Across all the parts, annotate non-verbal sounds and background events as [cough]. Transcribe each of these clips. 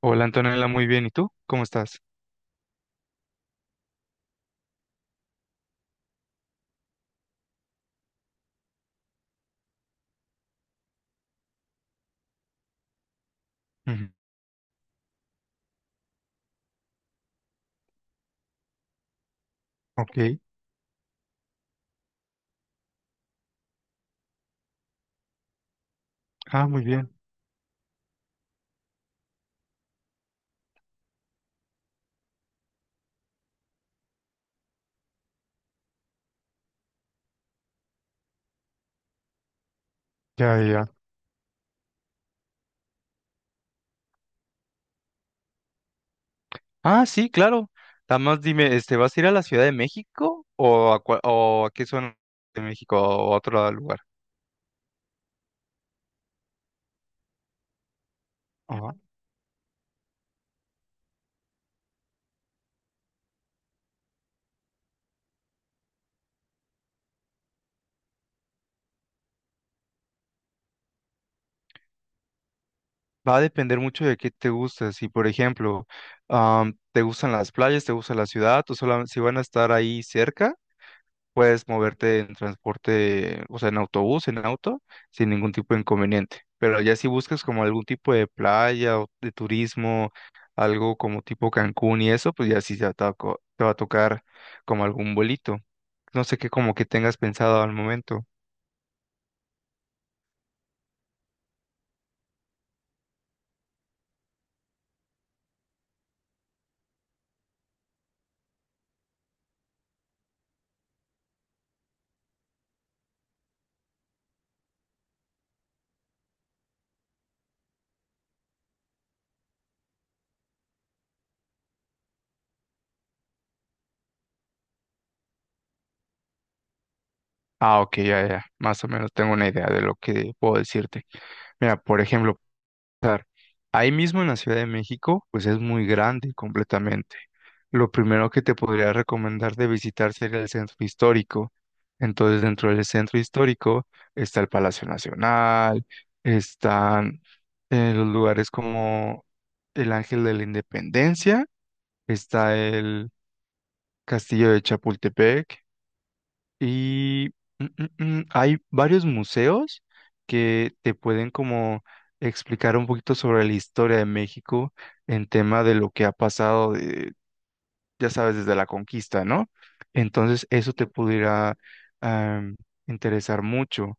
Hola Antonella, muy bien. ¿Y tú? ¿Cómo estás? Ujú. Ok. Ah, muy bien. Ya, ya. Ah, sí, claro. Nada más dime, este, ¿vas a ir a la Ciudad de México o a qué zona de México o a otro lugar? Ajá. Va a depender mucho de qué te gusta. Si, por ejemplo, te gustan las playas, te gusta la ciudad, si van a estar ahí cerca. Puedes moverte en transporte, o sea, en autobús, en auto, sin ningún tipo de inconveniente. Pero ya si buscas como algún tipo de playa o de turismo, algo como tipo Cancún y eso, pues ya sí ya te va a tocar como algún vuelito. No sé qué como que tengas pensado al momento. Ah, ok, ya, ya, más o menos tengo una idea de lo que puedo decirte. Mira, por ejemplo. Claro. Ahí mismo en la Ciudad de México, pues es muy grande completamente. Lo primero que te podría recomendar de visitar sería el centro histórico. Entonces, dentro del centro histórico está el Palacio Nacional, están los lugares como el Ángel de la Independencia, está el Castillo de Chapultepec, y mm, hay varios museos que te pueden como explicar un poquito sobre la historia de México en tema de lo que ha pasado, ya sabes, desde la conquista, ¿no? Entonces eso te pudiera am, interesar mucho.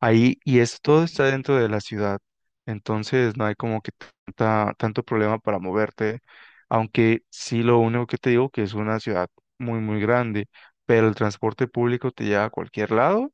Ahí, y es, todo está dentro de la ciudad, entonces no hay como que tanta, tanto problema para moverte, aunque sí lo único que te digo que es una ciudad muy, muy grande, pero el transporte público te lleva a cualquier lado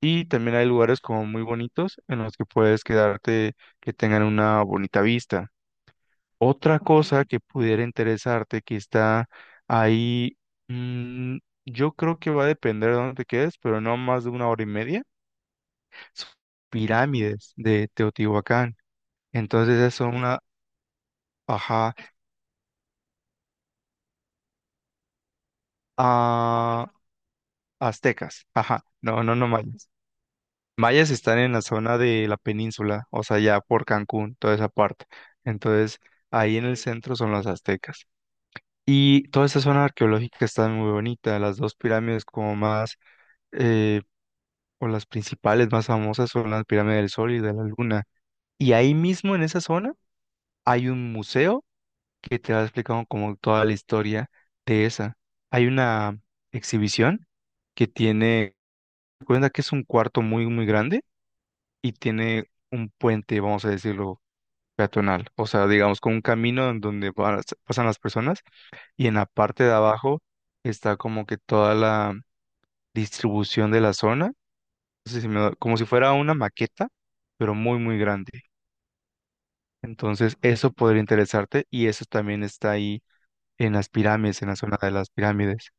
y también hay lugares como muy bonitos en los que puedes quedarte que tengan una bonita vista. Otra cosa que pudiera interesarte que está ahí, mm, yo creo que va a depender de dónde te quedes, pero no más de una hora y media sus pirámides de Teotihuacán. Entonces esas son una, ajá, ah, aztecas, ajá, no, no, no mayas. Mayas están en la zona de la península, o sea, ya por Cancún, toda esa parte. Entonces ahí en el centro son los aztecas. Y toda esa zona arqueológica está muy bonita. Las dos pirámides como más, eh, o las principales más famosas son las pirámides del Sol y de la Luna. Y ahí mismo en esa zona hay un museo que te va explicando como toda la historia de esa. Hay una exhibición que tiene, cuenta que es un cuarto muy, muy grande y tiene un puente, vamos a decirlo, peatonal, o sea, digamos, con un camino en donde pasan las personas y en la parte de abajo está como que toda la distribución de la zona, no sé si como si fuera una maqueta, pero muy, muy grande. Entonces, eso podría interesarte y eso también está ahí en las pirámides, en la zona de las pirámides.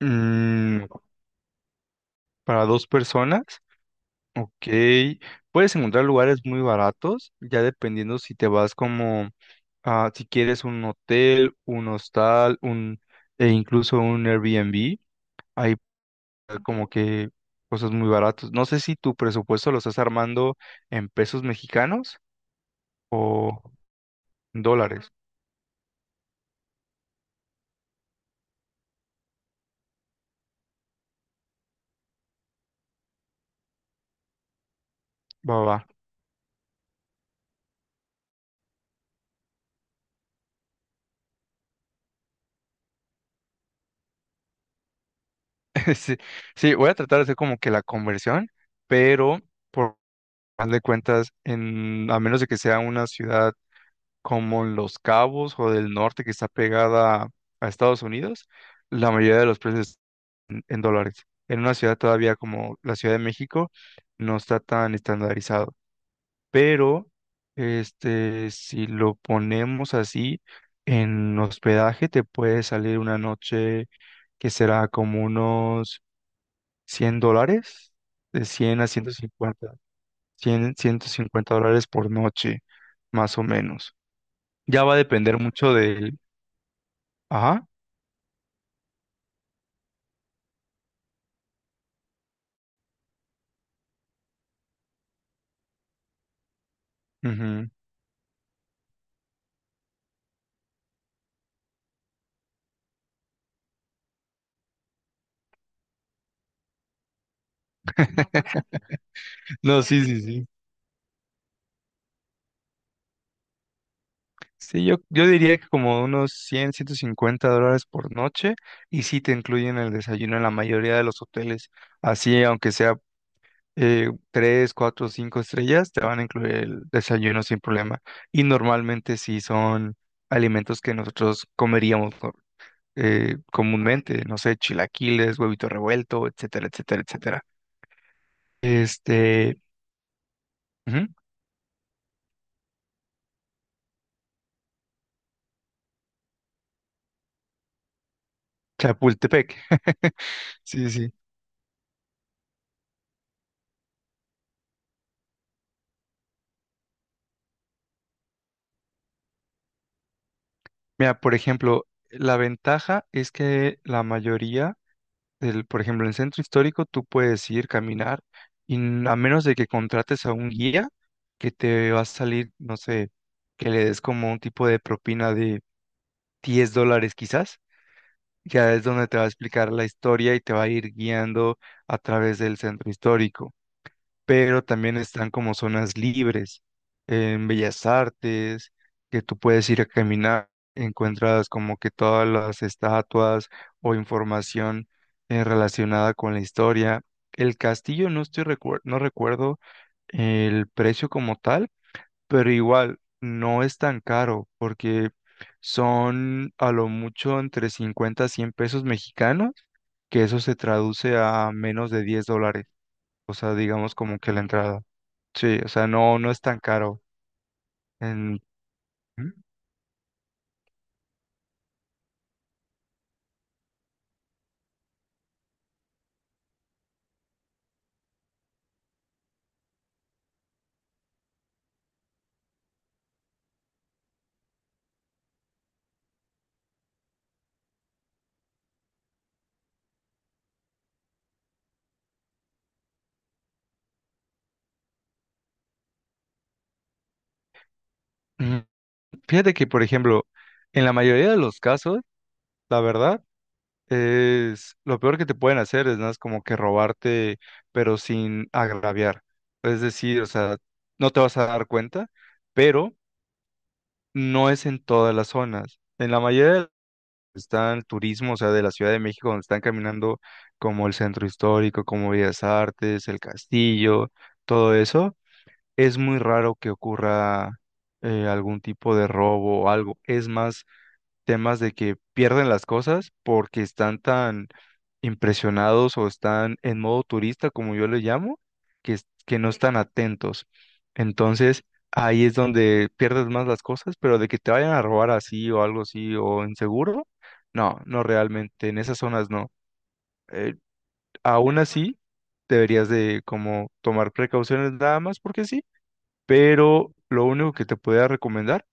Mm, para dos personas, ok. Puedes encontrar lugares muy baratos, ya dependiendo si te vas como, si quieres un hotel, un hostal, e incluso un Airbnb. Hay como que cosas muy baratas. No sé si tu presupuesto lo estás armando en pesos mexicanos o dólares. Va, va. [laughs] Sí, sí, voy a tratar de hacer como que la conversión, pero por más de cuentas, a menos de que sea una ciudad como Los Cabos o del norte que está pegada a Estados Unidos, la mayoría de los precios en dólares. En una ciudad todavía como la Ciudad de México no está tan estandarizado, pero este si lo ponemos así en hospedaje te puede salir una noche que será como unos $100, de 100 a 150 100 $150 por noche, más o menos. Ya va a depender mucho del, ajá. Ujú. [laughs] No, no, sí, sí, sí. Sí, yo diría que como unos cien $150 por noche y sí te incluyen el desayuno en la mayoría de los hoteles. Así, aunque sea 3, 4, 5 estrellas, te van a incluir el desayuno sin problema. Y normalmente sí son alimentos que nosotros comeríamos comúnmente, no sé, chilaquiles, huevito revuelto, etcétera, etcétera, etcétera. Este, ujú, Chapultepec. [laughs] Sí, sí. Mira, por ejemplo, la ventaja es que la mayoría por ejemplo, en el centro histórico tú puedes ir caminar y a menos de que contrates a un guía que te va a salir, no sé, que le des como un tipo de propina de $10 quizás, ya es donde te va a explicar la historia y te va a ir guiando a través del centro histórico, pero también están como zonas libres en Bellas Artes, que tú puedes ir a caminar, encuentras como que todas las estatuas o información relacionada con la historia. El castillo no recuerdo el precio como tal, pero igual no es tan caro porque son a lo mucho entre 50 a 100 pesos mexicanos, que eso se traduce a menos de $10, o sea, digamos como que la entrada. Sí, o sea, no, no es tan caro. En- Mm, Fíjate que, por ejemplo, en la mayoría de los casos, la verdad, es lo peor que te pueden hacer es nada más como que robarte, pero sin agraviar. Es decir, o sea, no te vas a dar cuenta, pero no es en todas las zonas. En la mayoría de las está el turismo, o sea, de la Ciudad de México, donde están caminando como el centro histórico, como Bellas Artes, el castillo, todo eso. Es muy raro que ocurra algún tipo de robo o algo. Es más, temas de que pierden las cosas porque están tan impresionados o están en modo turista, como yo le llamo, que no están atentos. Entonces, ahí es donde pierdes más las cosas, pero de que te vayan a robar así o algo así o inseguro, no, no realmente, en esas zonas no. Eh, Aún así, deberías de como tomar precauciones nada más porque sí, pero lo único que te podría recomendar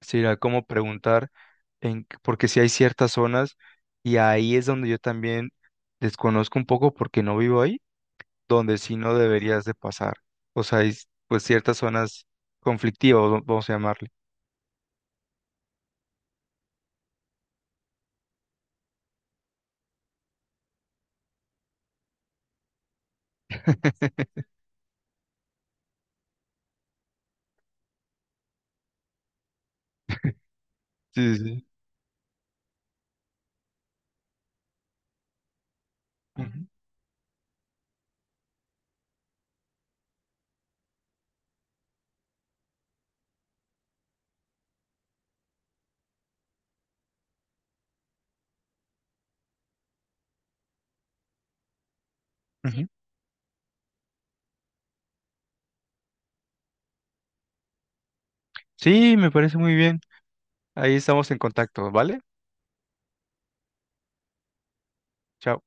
sería como preguntar, porque si hay ciertas zonas, y ahí es donde yo también desconozco un poco porque no vivo ahí, donde sí no deberías de pasar. O sea, hay pues ciertas zonas conflictivas, o vamos a llamarle. [laughs] Sí, sí, sí. Ujú, ujú. Sí, me parece muy bien. Ahí estamos en contacto, ¿vale? Chao.